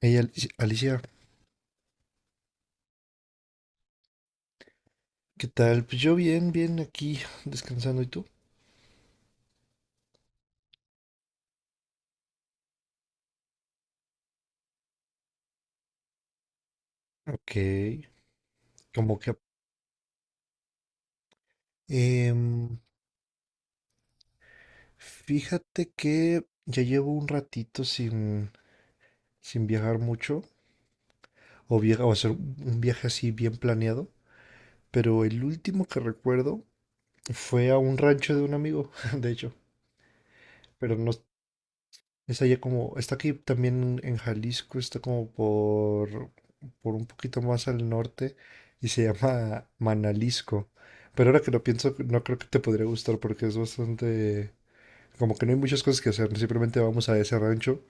Hey, Alicia, Alicia, ¿qué tal? Pues yo bien, bien aquí descansando. ¿Y tú? Ok, como que... em, fíjate que ya llevo un ratito sin viajar mucho o, viajar o hacer un viaje así bien planeado, pero el último que recuerdo fue a un rancho de un amigo, de hecho, pero no, está allá como, está aquí también en Jalisco, está como por un poquito más al norte y se llama Manalisco. Pero ahora que lo pienso, no creo que te podría gustar porque es bastante, como que no hay muchas cosas que hacer, simplemente vamos a ese rancho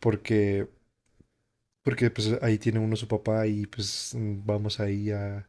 porque, porque pues ahí tiene uno su papá y pues vamos ahí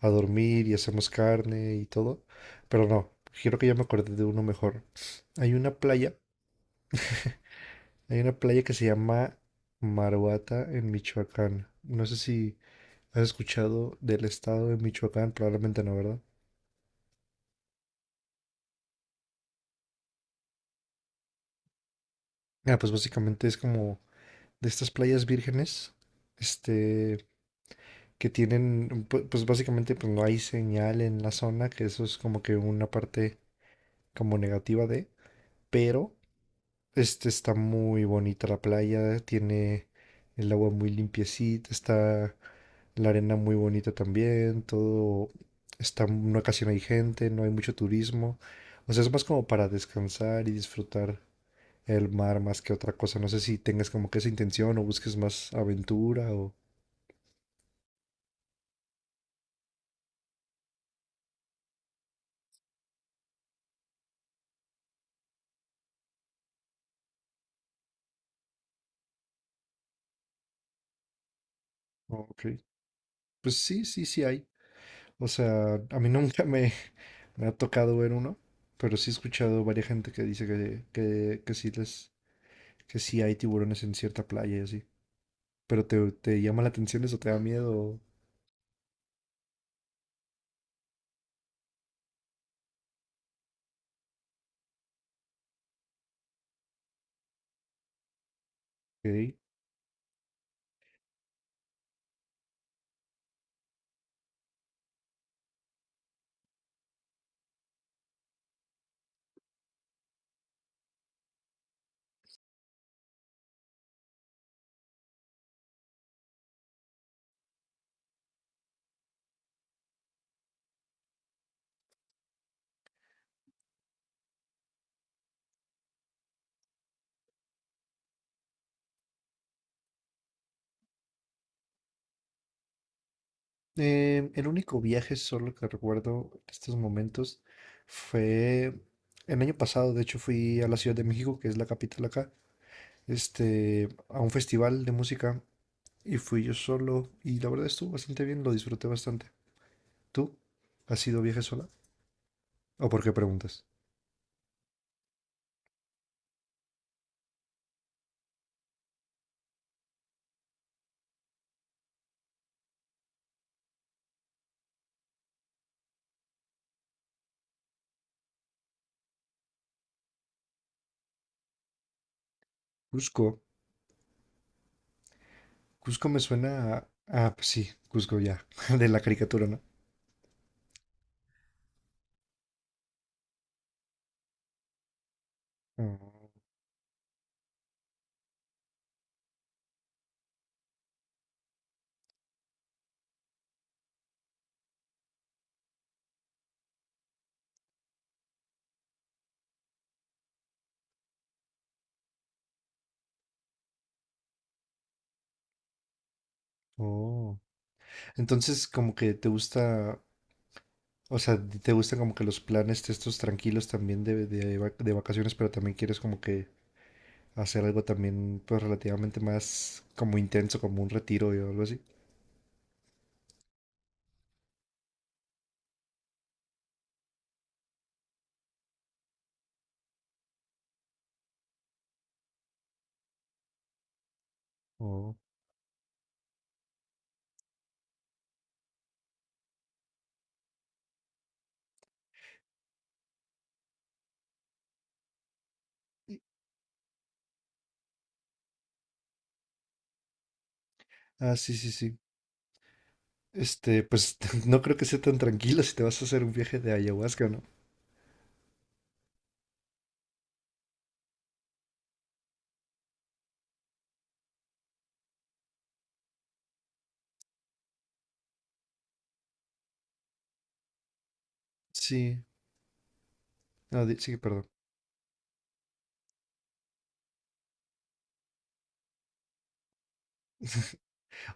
a dormir y hacemos carne y todo. Pero no, quiero que ya me acordé de uno mejor. Hay una playa. Hay una playa que se llama Maruata en Michoacán. No sé si has escuchado del estado de Michoacán, probablemente no, ¿verdad? Ah, pues básicamente es como de estas playas vírgenes, este, que tienen, pues básicamente pues no hay señal en la zona, que eso es como que una parte como negativa de, pero este está muy bonita la playa, tiene el agua muy limpiecita, está la arena muy bonita también, todo está, no casi no hay gente, no hay mucho turismo. O sea, es más como para descansar y disfrutar el mar más que otra cosa. No sé si tengas como que esa intención o busques más aventura o... Ok, pues sí, sí, sí hay. O sea, a mí nunca me ha tocado ver uno, pero sí he escuchado varias gente que dice que sí les, que sí hay tiburones en cierta playa y así. Pero te llama la atención eso, te da miedo. Ok. El único viaje solo que recuerdo en estos momentos fue el año pasado, de hecho fui a la Ciudad de México, que es la capital acá, este, a un festival de música y fui yo solo y la verdad estuvo bastante bien, lo disfruté bastante. ¿Tú has ido viaje sola? ¿O por qué preguntas? Cusco. Cusco me suena a... Ah, pues sí, Cusco ya, de la caricatura, ¿no? Oh, oh. Entonces, como que te gusta, o sea, te gustan como que los planes de estos tranquilos también de de vacaciones, pero también quieres como que hacer algo también, pues relativamente más como intenso, como un retiro o algo así. Oh. Ah, sí, sí, sí. Este, pues no creo que sea tan tranquilo si te vas a hacer un viaje de ayahuasca, ¿no? Sí, no, sí, perdón.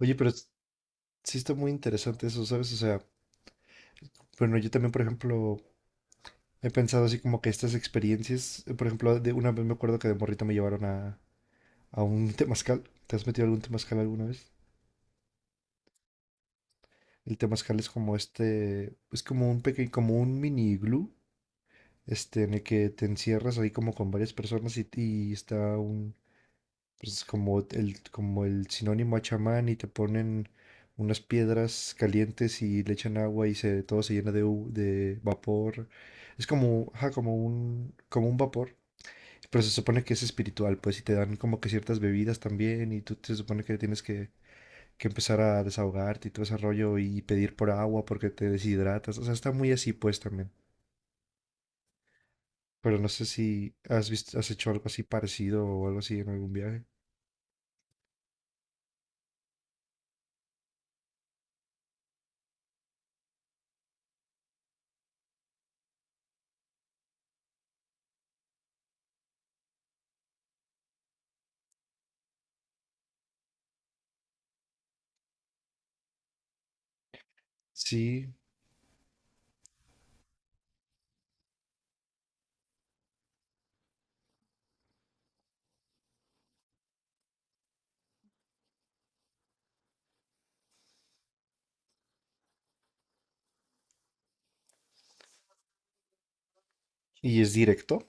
Oye, pero sí está muy interesante eso, ¿sabes? O sea, bueno, yo también, por ejemplo, he pensado así como que estas experiencias, por ejemplo, de una vez me acuerdo que de morrito me llevaron a un temazcal. ¿Te has metido algún temazcal alguna vez? El temazcal es como este, es como un pequeño, como un mini iglú, este, en el que te encierras ahí como con varias personas y está un, pues como el sinónimo a chamán y te ponen unas piedras calientes y le echan agua y se, todo se llena de, de vapor. Es como, ajá, como un vapor, pero se supone que es espiritual, pues, y te dan como que ciertas bebidas también y tú te supone que tienes que empezar a desahogarte y todo ese rollo y pedir por agua porque te deshidratas. O sea, está muy así pues también. Pero no sé si has visto, has hecho algo así parecido o algo así en algún viaje. Sí, y es directo,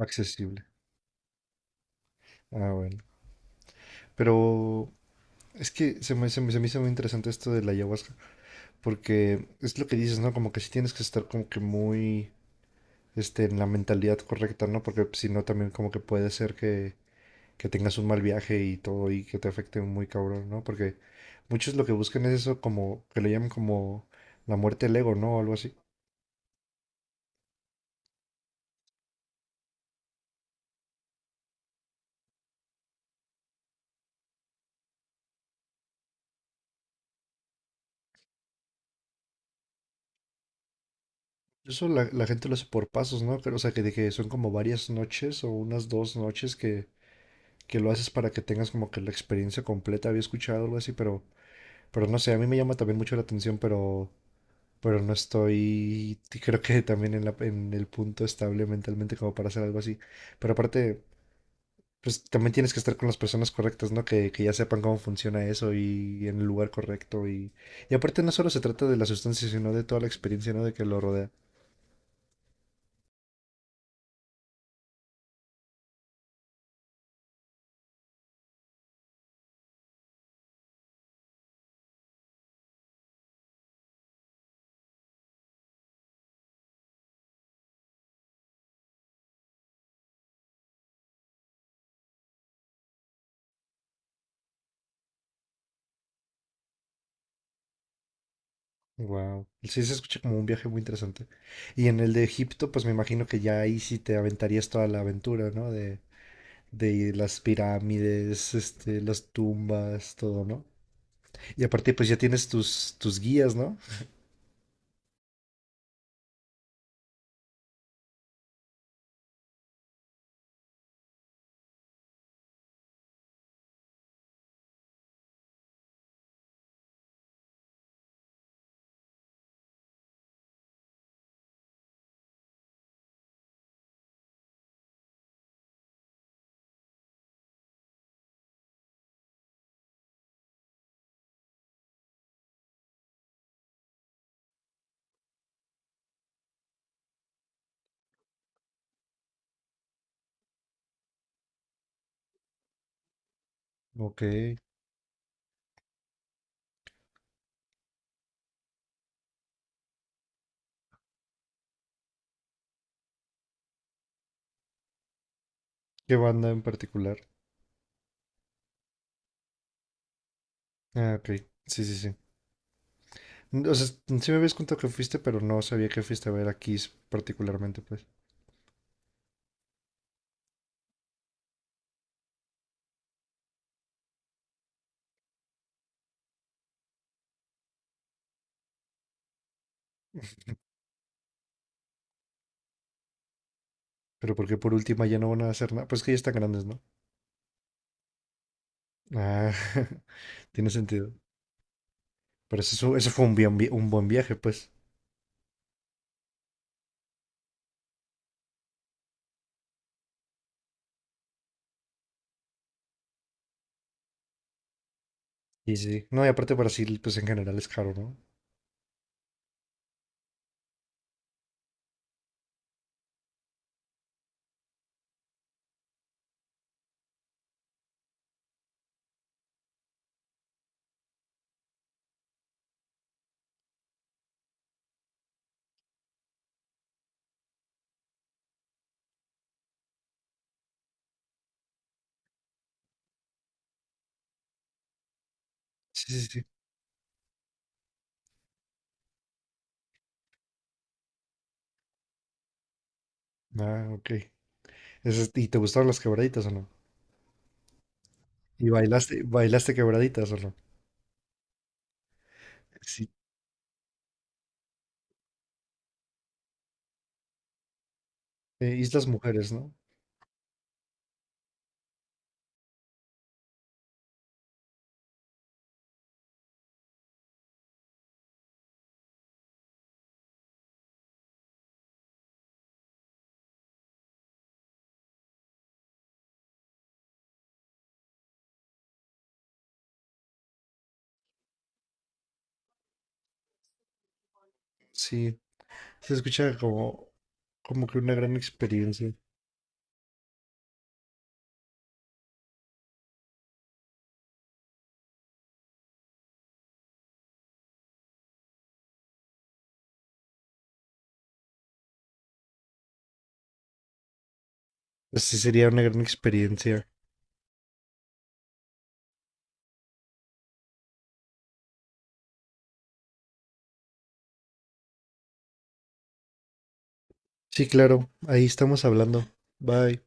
accesible. Ah, bueno. Pero es que se me hizo muy interesante esto de la ayahuasca, porque es lo que dices, ¿no? Como que sí tienes que estar como que muy, este, en la mentalidad correcta, ¿no? Porque si no, también como que puede ser que tengas un mal viaje y todo y que te afecte muy cabrón, ¿no? Porque muchos lo que buscan es eso como, que le llaman como la muerte del ego, ¿no? O algo así. Eso la gente lo hace por pasos, ¿no? Pero, o sea, que, de que son como varias noches o unas dos noches que lo haces para que tengas como que la experiencia completa. Había escuchado algo así, pero no sé, a mí me llama también mucho la atención, pero no estoy, creo que también en el punto estable mentalmente como para hacer algo así. Pero aparte... pues también tienes que estar con las personas correctas, ¿no? Que ya sepan cómo funciona eso y, en el lugar correcto. Y aparte no solo se trata de la sustancia, sino de toda la experiencia, ¿no? De que lo rodea. Wow. Sí, se escucha como un viaje muy interesante. Y en el de Egipto, pues me imagino que ya ahí sí te aventarías toda la aventura, ¿no? De las pirámides, este, las tumbas, todo, ¿no? Y aparte, pues ya tienes tus, tus guías, ¿no? Ok. ¿Qué banda en particular? Ah, ok. Sí, sí, sí. O sea, sí me habías contado que fuiste, pero no sabía que fuiste a ver a Kiss particularmente, pues. Pero porque por última ya no van a hacer nada. Pues que ya están grandes, ¿no? Ah, tiene sentido. Pero eso, fue un, un buen viaje, pues. Y sí. No, y aparte Brasil, pues en general es caro, ¿no? Sí, sí, sí. Ah, ok. Eso ¿y te gustaron las quebraditas o no? ¿Y bailaste, bailaste quebraditas o no? Sí. Islas Mujeres, ¿no? Sí. Se escucha como, como que una gran experiencia. Pues sí, sería una gran experiencia. Sí, claro, ahí estamos hablando. Bye.